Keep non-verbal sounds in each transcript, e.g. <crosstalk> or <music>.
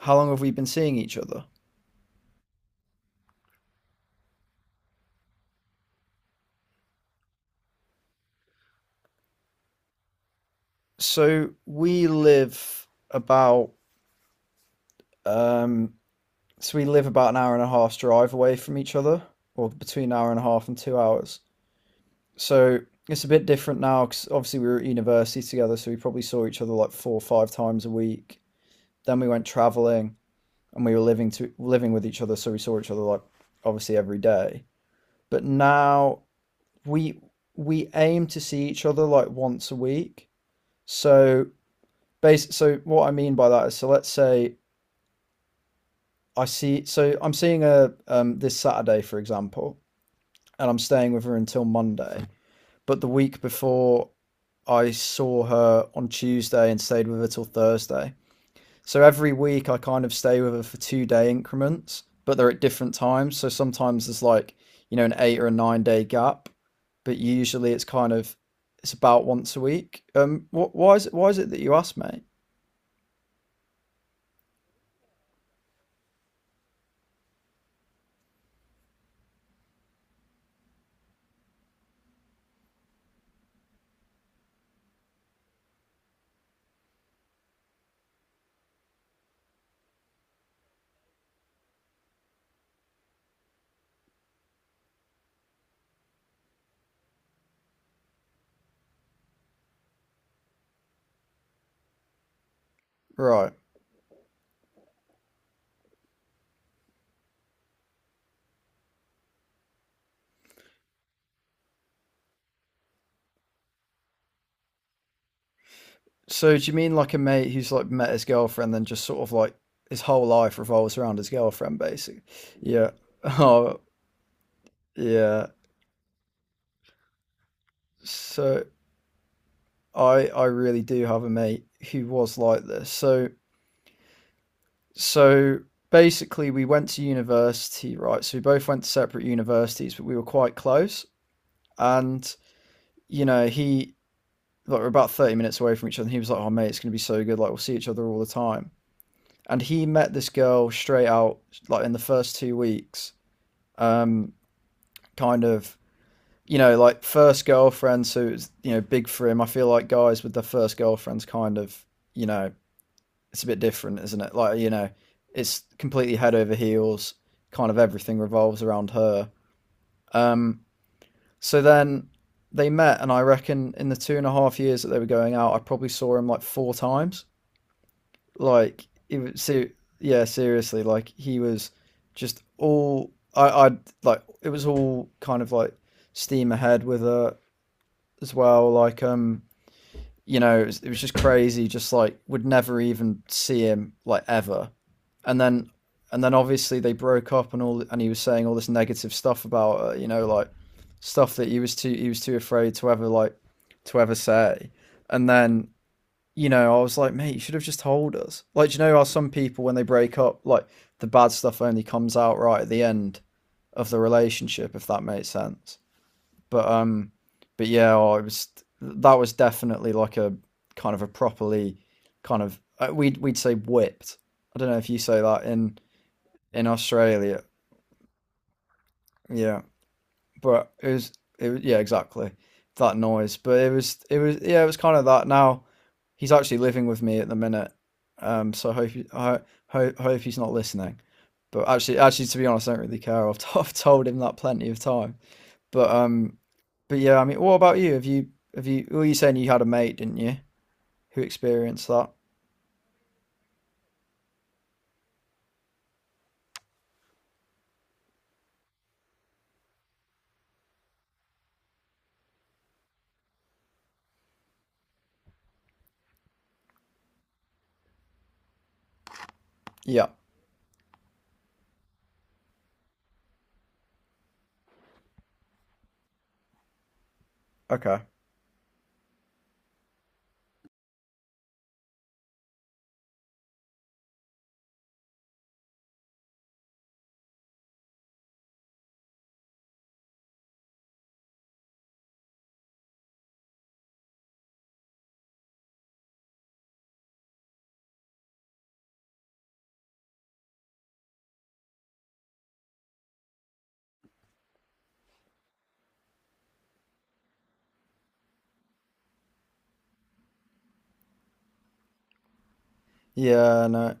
How long have we been seeing each other? So we live about um we live about an hour and a half's drive away from each other, or between an hour and a half and 2 hours. So it's a bit different now because obviously we were at university together, so we probably saw each other like four or five times a week. Then we went traveling and we were living with each other, so we saw each other like obviously every day. But now we we aim to see each other like once a week. So Base. So what I mean by that is, so let's say I see. So I'm seeing her this Saturday, for example, and I'm staying with her until Monday. But the week before, I saw her on Tuesday and stayed with her till Thursday. So every week I kind of stay with her for two-day increments, but they're at different times. So sometimes there's like, you know, an eight or a nine-day gap, but usually it's kind of it's about once a week. Why is it that you asked, mate? Right. So do you mean like a mate who's like met his girlfriend, then just sort of like his whole life revolves around his girlfriend, basically? Yeah. <laughs> Oh, yeah. So I really do have a mate who was like this. So basically we went to university, right? So we both went to separate universities, but we were quite close. And you know, he like we're about 30 minutes away from each other, and he was like, "Oh mate, it's gonna be so good. Like we'll see each other all the time." And he met this girl straight out like in the first 2 weeks, um, kind of you know like first girlfriends who's you know big for him. I feel like guys with their first girlfriends kind of you know it's a bit different, isn't it? Like you know it's completely head over heels. Kind of everything revolves around her. Um, so then they met, and I reckon in the two and a half years that they were going out, I probably saw him like four times. like it was ser- yeah, seriously, like he was just all I like it was all kind of like steam ahead with her as well you know it was just crazy, just like would never even see him like ever. And then and then obviously they broke up and all and he was saying all this negative stuff about her, you know, like stuff that he was too afraid to ever like to ever say. And then you know, I was like, mate, you should have just told us. Like, do you know how some people, when they break up, like the bad stuff only comes out right at the end of the relationship, if that makes sense. But um, but yeah, I was that was definitely like a kind of a properly kind of we'd say whipped. I don't know if you say that in Australia, yeah, but it was, yeah exactly that noise. But it was yeah it was kind of that now. He's actually living with me at the minute, so I hope I hope he's not listening. But actually, to be honest, I don't really care. <laughs> I've told him that plenty of time. But um, but yeah, I mean, what about you? Have you? Were you saying you had a mate, didn't you, who experienced that? Yeah. Okay. Yeah. No.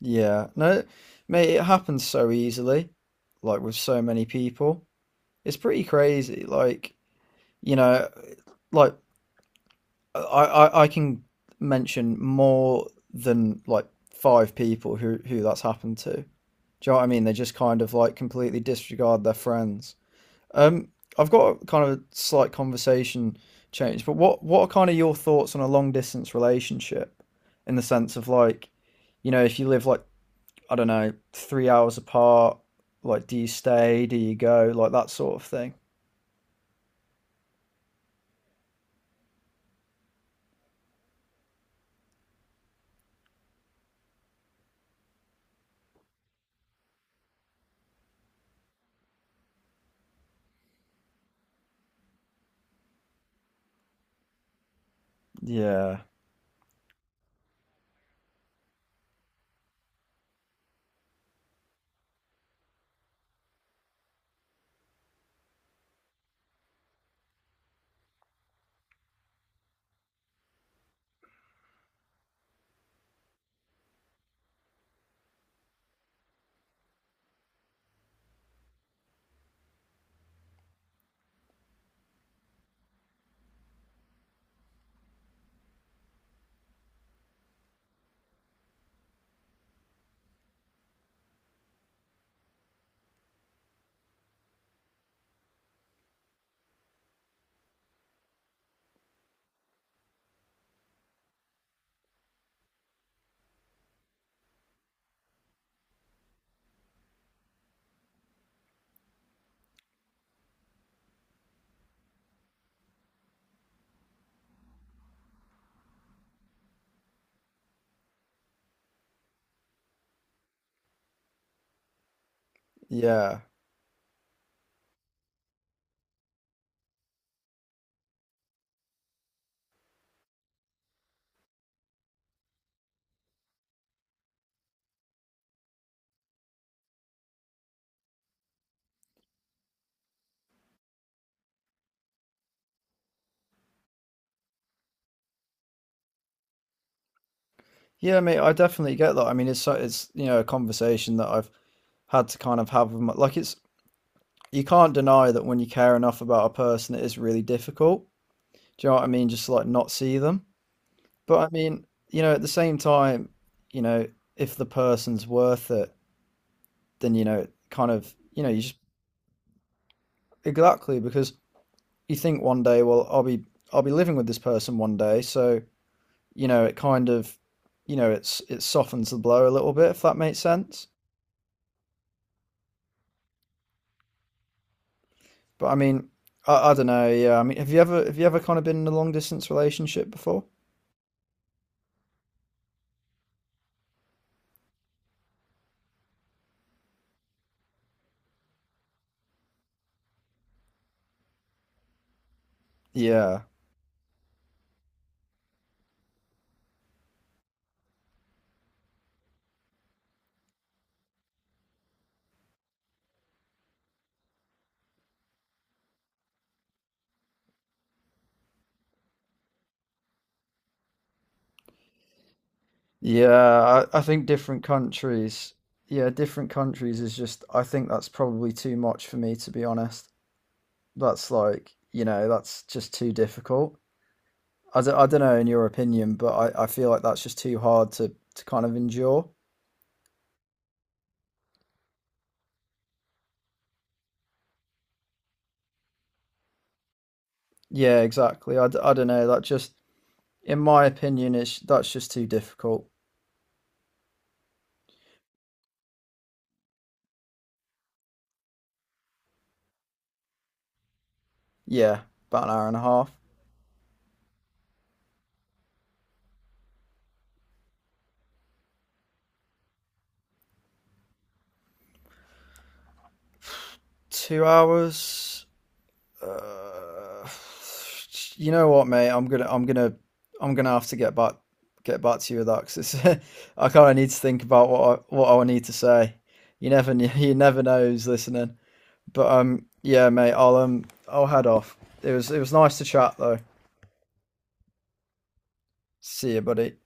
Yeah. No. Mate, it happens so easily, like with so many people. It's pretty crazy. Like you know, like I can mention more than like five people who that's happened to. Do you know what I mean? They just kind of like completely disregard their friends. Um, I've got a kind of a slight conversation change, but what are kind of your thoughts on a long distance relationship in the sense of like, you know, if you live like I don't know, 3 hours apart, like do you stay, do you go, like that sort of thing? Yeah. Yeah. Yeah, mate, I definitely get that. I mean, it's you know a conversation that I've had to kind of have with my, like it's you can't deny that when you care enough about a person, it is really difficult. Do you know what I mean? Just to, like not see them. But I mean, you know, at the same time, you know, if the person's worth it, then you know, kind of, you know, you just exactly because you think one day, well, I'll be living with this person one day, so you know, it kind of, you know, it's it softens the blow a little bit if that makes sense. But I mean, I don't know. Yeah, I mean, have you ever kind of been in a long distance relationship before? Yeah, yeah. I think different countries. Yeah, different countries is just. I think that's probably too much for me to be honest. That's like you know that's just too difficult. I don't know in your opinion, but I feel like that's just too hard to kind of endure. Yeah, exactly. I don't know. That just in my opinion, it's that's just too difficult. Yeah, about an hour and a half, 2 hours. Uh, you know what, mate? I'm gonna have to get back to you with that 'cause it's, <laughs> I kind of need to think about what what I need to say. You never, kn- <laughs> You never know who's listening. But Yeah, mate. I'll head off. It was nice to chat though. See you, buddy.